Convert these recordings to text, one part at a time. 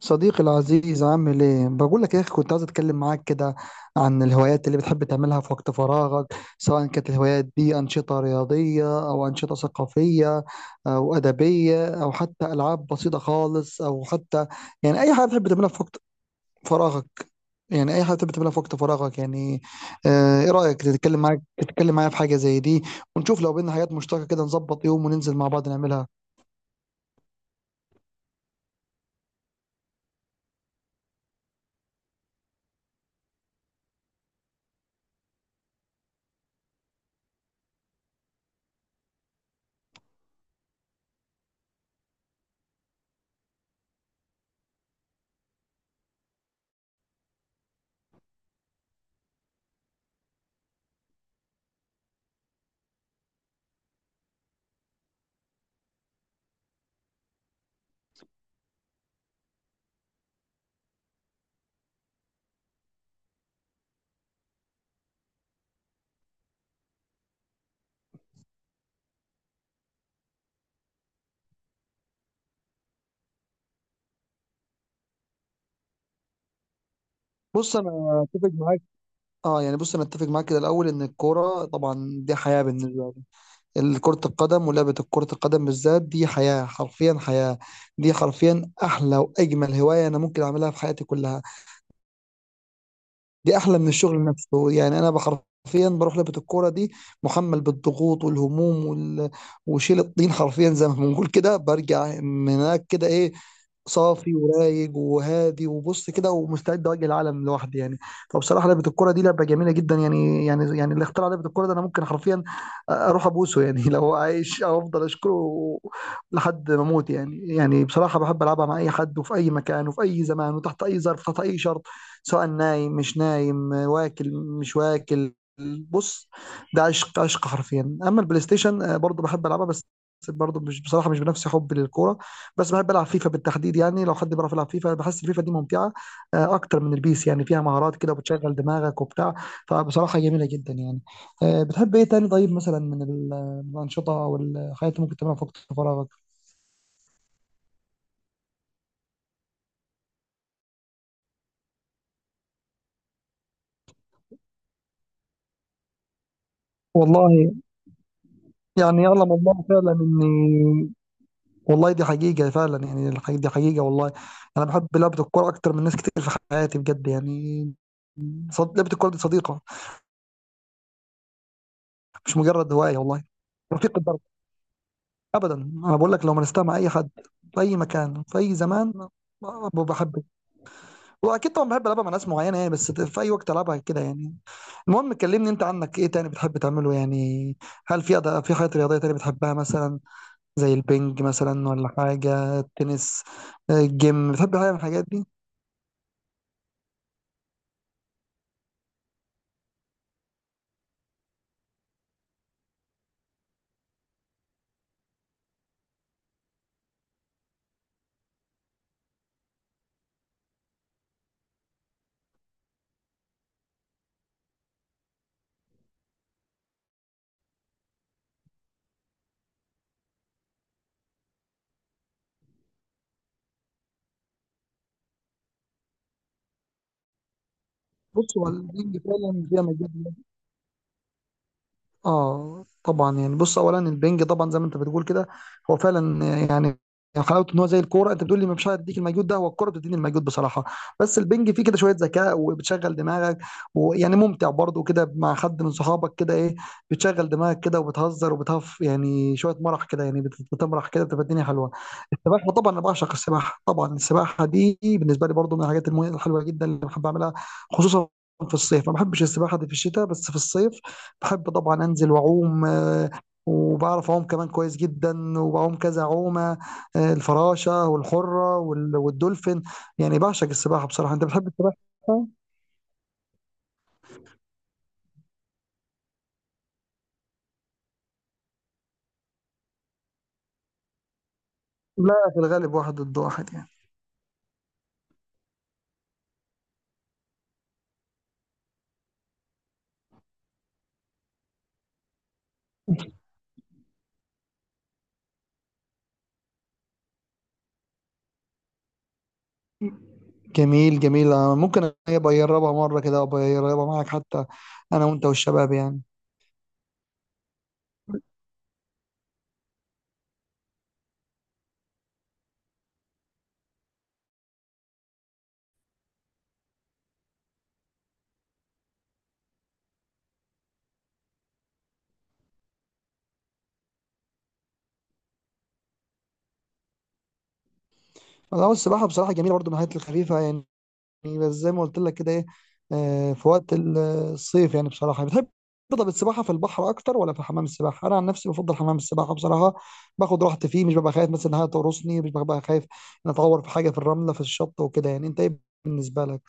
صديقي العزيز عامل ايه؟ بقول لك يا اخي كنت عايز اتكلم معاك كده عن الهوايات اللي بتحب تعملها في وقت فراغك سواء كانت الهوايات دي انشطة رياضية او انشطة ثقافية او ادبية او حتى العاب بسيطة خالص او حتى يعني اي حاجة بتحب تعملها في وقت فراغك يعني اي حاجة بتحب تعملها في وقت فراغك يعني. ايه رأيك تتكلم معايا في حاجة زي دي ونشوف لو بينا حاجات مشتركة كده نظبط يوم وننزل مع بعض نعملها. بص انا اتفق معاك. اه، يعني بص انا اتفق معاك كده الاول ان الكوره طبعا دي حياه بالنسبه لي، كره القدم ولعبه كره القدم بالذات دي حياه، حرفيا حياه. دي حرفيا احلى واجمل هوايه انا ممكن اعملها في حياتي كلها. دي احلى من الشغل نفسه، يعني انا بحرفيا بروح لعبه الكوره دي محمل بالضغوط والهموم وشيل الطين حرفيا زي ما بنقول كده، برجع من هناك كده ايه، صافي ورايق وهادي وبص كده ومستعد اواجه العالم لوحدي يعني. فبصراحه لعبه الكوره دي لعبه جميله جدا، يعني اللي اخترع لعبه الكوره ده انا ممكن حرفيا اروح ابوسه يعني لو هو عايش، او افضل اشكره لحد ما اموت يعني. بصراحه بحب العبها مع اي حد وفي اي مكان وفي اي زمان وتحت اي ظرف، تحت اي شرط، سواء نايم مش نايم، واكل مش واكل. بص، ده عشق، عشق حرفيا. اما البلاي ستيشن برضه بحب العبها، بس برضه مش، بصراحه مش بنفس حبي للكوره. بس بحب العب فيفا بالتحديد، يعني لو حد بيعرف يلعب فيفا بحس الفيفا دي ممتعه اكتر من البيس، يعني فيها مهارات كده وبتشغل دماغك وبتاع. فبصراحه جميله جدا يعني. بتحب ايه تاني طيب؟ مثلا من الانشطه او الحاجات اللي ممكن تعملها في وقت فراغك؟ والله يعني يعلم الله فعلا والله دي حقيقه فعلا، يعني دي حقيقه والله. انا بحب لعبه الكوره اكتر من ناس كتير في حياتي بجد يعني. لعبه الكوره دي صديقه، مش مجرد هوايه والله، رفيق الدرب. ابدا، انا بقول لك لو مارستها مع اي حد في اي مكان في اي زمان، بحب. واكيد طبعا بحب العبها مع ناس معينه يعني، بس في اي وقت العبها كده يعني. المهم كلمني انت، عنك ايه تاني بتحب تعمله يعني؟ هل في أداء، في حاجات رياضيه تانية بتحبها مثلا؟ زي البنج مثلا، ولا حاجه التنس، الجيم، بتحب حاجه من الحاجات دي؟ بص هو البنج فعلا فيها مجال. اه طبعا، يعني بص اولا البنج طبعا زي ما انت بتقول كده، هو فعلا يعني حلاوته ان هو زي الكوره، انت بتقول لي مش هيديك المجهود، ده هو الكوره بتديني المجهود بصراحه. بس البنج فيه كده شويه ذكاء وبتشغل دماغك، ويعني ممتع برضه كده مع حد من صحابك كده ايه، بتشغل دماغك كده وبتهزر وبتهف، يعني شويه مرح كده، يعني بتمرح كده، بتبقى الدنيا حلوه. السباحة طبعا، أنا بعشق السباحة طبعا، السباحة دي بالنسبة لي برضو من الحاجات الحلوة جدا اللي بحب أعملها، خصوصا في الصيف، ما بحبش السباحة دي في الشتاء، بس في الصيف بحب طبعا أنزل وأعوم وبعرف أعوم كمان كويس جدا، وبعوم كذا عومة، الفراشة والحرة والدولفين، يعني بعشق السباحة بصراحة. أنت بتحب السباحة؟ لا، في الغالب واحد ضد واحد يعني. جميل جميل، ممكن أبقى أجربها مرة كده، أبقى أجربها معاك حتى، أنا وأنت والشباب يعني. لا هو السباحة بصراحة جميلة برضه، من الحاجات الخفيفة يعني. بس زي ما قلت لك كده ايه، في وقت الصيف، يعني بصراحة بتحب تفضل السباحة في البحر أكتر ولا في حمام السباحة؟ أنا عن نفسي بفضل حمام السباحة بصراحة، باخد راحتي فيه، مش ببقى خايف مثلا إن حاجة تقرصني، مش ببقى خايف إن أتعور في حاجة في الرملة في الشط وكده يعني. أنت إيه بالنسبة لك؟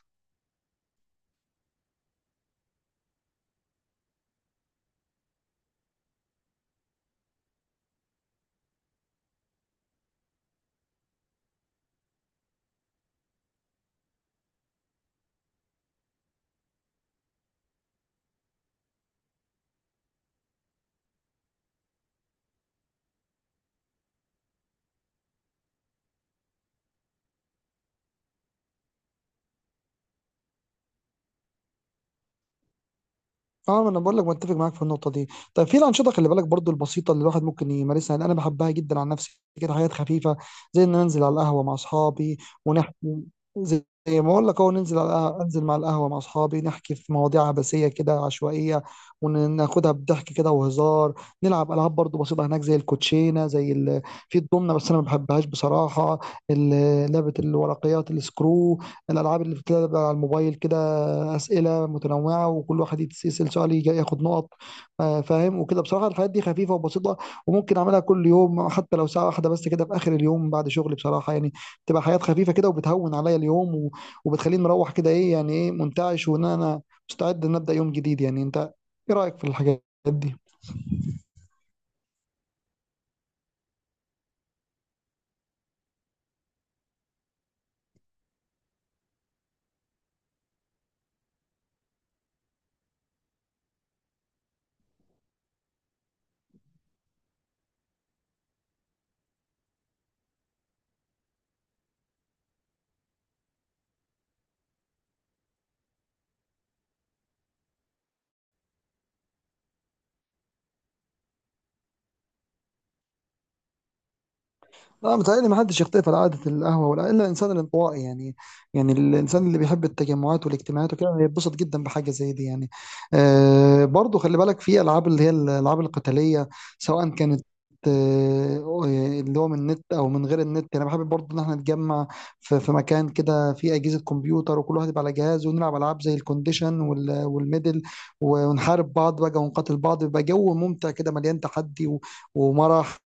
اه، ما انا بقول لك متفق معاك في النقطه دي. طيب في الانشطه، خلي بالك برضو، البسيطه اللي الواحد ممكن يمارسها، يعني انا بحبها جدا عن نفسي كده، حاجات خفيفه زي ان انزل على القهوه مع اصحابي ونحكي، زي ما اقول لك اهو، ننزل على القهوة، انزل مع القهوه مع اصحابي نحكي في مواضيع عبثيه كده، عشوائيه، وناخدها بضحك كده وهزار. نلعب العاب برضو بسيطه هناك زي الكوتشينه، زي ال... في الضمنه بس انا ما بحبهاش بصراحه، لعبه الورقيات السكرو، الالعاب اللي بتلعب على الموبايل كده، اسئله متنوعه وكل واحد يتسال سؤال ياخد نقط، فاهم وكده. بصراحه الحاجات دي خفيفه وبسيطه، وممكن اعملها كل يوم حتى لو ساعه واحده بس كده في اخر اليوم بعد شغل، بصراحه يعني بتبقى حاجات خفيفه كده وبتهون عليا اليوم وبتخليني مروح كده ايه، يعني ايه، منتعش وان انا مستعد ان ابدا يوم جديد يعني. انت ايه رايك في الحاجات دي؟ لا متهيألي ما حدش يختلف على عادة القهوة، ولا إلا الإنسان الانطوائي يعني، يعني الإنسان اللي بيحب التجمعات والاجتماعات وكده بيتبسط جدا بحاجة زي دي يعني. برضو خلي بالك في ألعاب، اللي هي الألعاب القتالية سواء كانت آه، اللي هو من النت او من غير النت، انا بحب برضو ان احنا نتجمع في مكان كده فيه اجهزه كمبيوتر وكل واحد يبقى على جهاز، ونلعب العاب زي الكونديشن والميدل، ونحارب بعض بقى ونقاتل بعض، بيبقى جو ممتع كده مليان تحدي ومرح،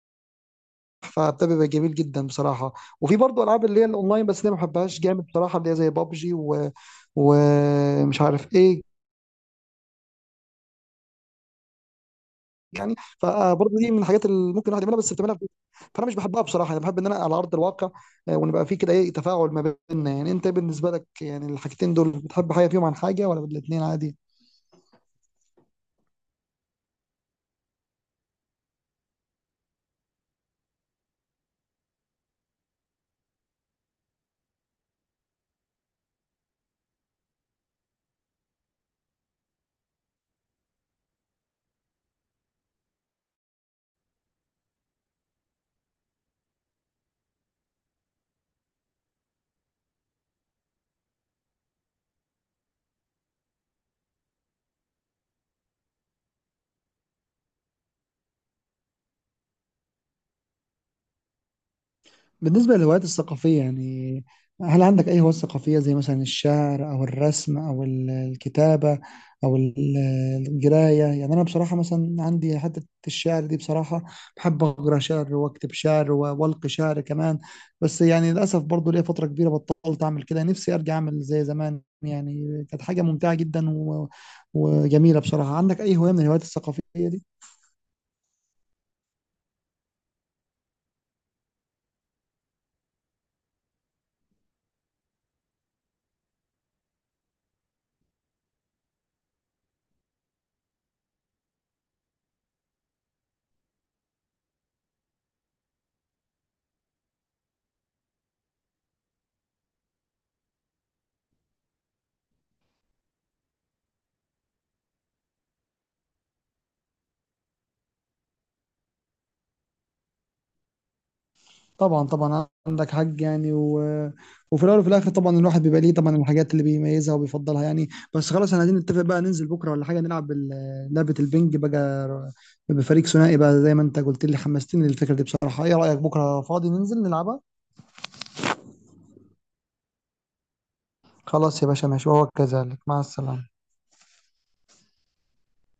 فده بيبقى جميل جدا بصراحه. وفي برضه العاب اللي هي الاونلاين، بس دي ما بحبهاش جامد بصراحه، اللي هي زي بابجي و... ومش عارف ايه، يعني فبرضه دي من الحاجات اللي ممكن الواحد يعملها بس بتعملها في بيته. فانا مش بحبها بصراحه، انا بحب ان انا على ارض الواقع ونبقى في كده ايه، تفاعل ما بيننا يعني. انت بالنسبه لك يعني الحاجتين دول، بتحب حاجه فيهم عن حاجه ولا الاثنين عادي؟ بالنسبة للهوايات الثقافية يعني، هل عندك أي هوايات ثقافية زي مثلا الشعر أو الرسم أو الكتابة أو القراية؟ يعني أنا بصراحة مثلا عندي حتة الشعر دي، بصراحة بحب أقرأ شعر وأكتب شعر وألقي شعر كمان، بس يعني للأسف برضو ليا فترة كبيرة بطلت أعمل كده، نفسي أرجع أعمل زي زمان، يعني كانت حاجة ممتعة جدا و... وجميلة بصراحة. عندك أي هواية من الهوايات الثقافية دي؟ طبعا طبعا عندك حق يعني و... وفي الاول وفي الاخر طبعا الواحد بيبقى ليه طبعا الحاجات اللي بيميزها وبيفضلها يعني. بس خلاص احنا عايزين نتفق بقى، ننزل بكره ولا حاجه نلعب لعبه البنج بقى بفريق ثنائي بقى، زي ما انت قلت لي حمستني للفكره دي بصراحه. ايه رايك بكره فاضي ننزل نلعبها؟ خلاص يا باشا، ماشي، وهو كذلك، مع السلامه.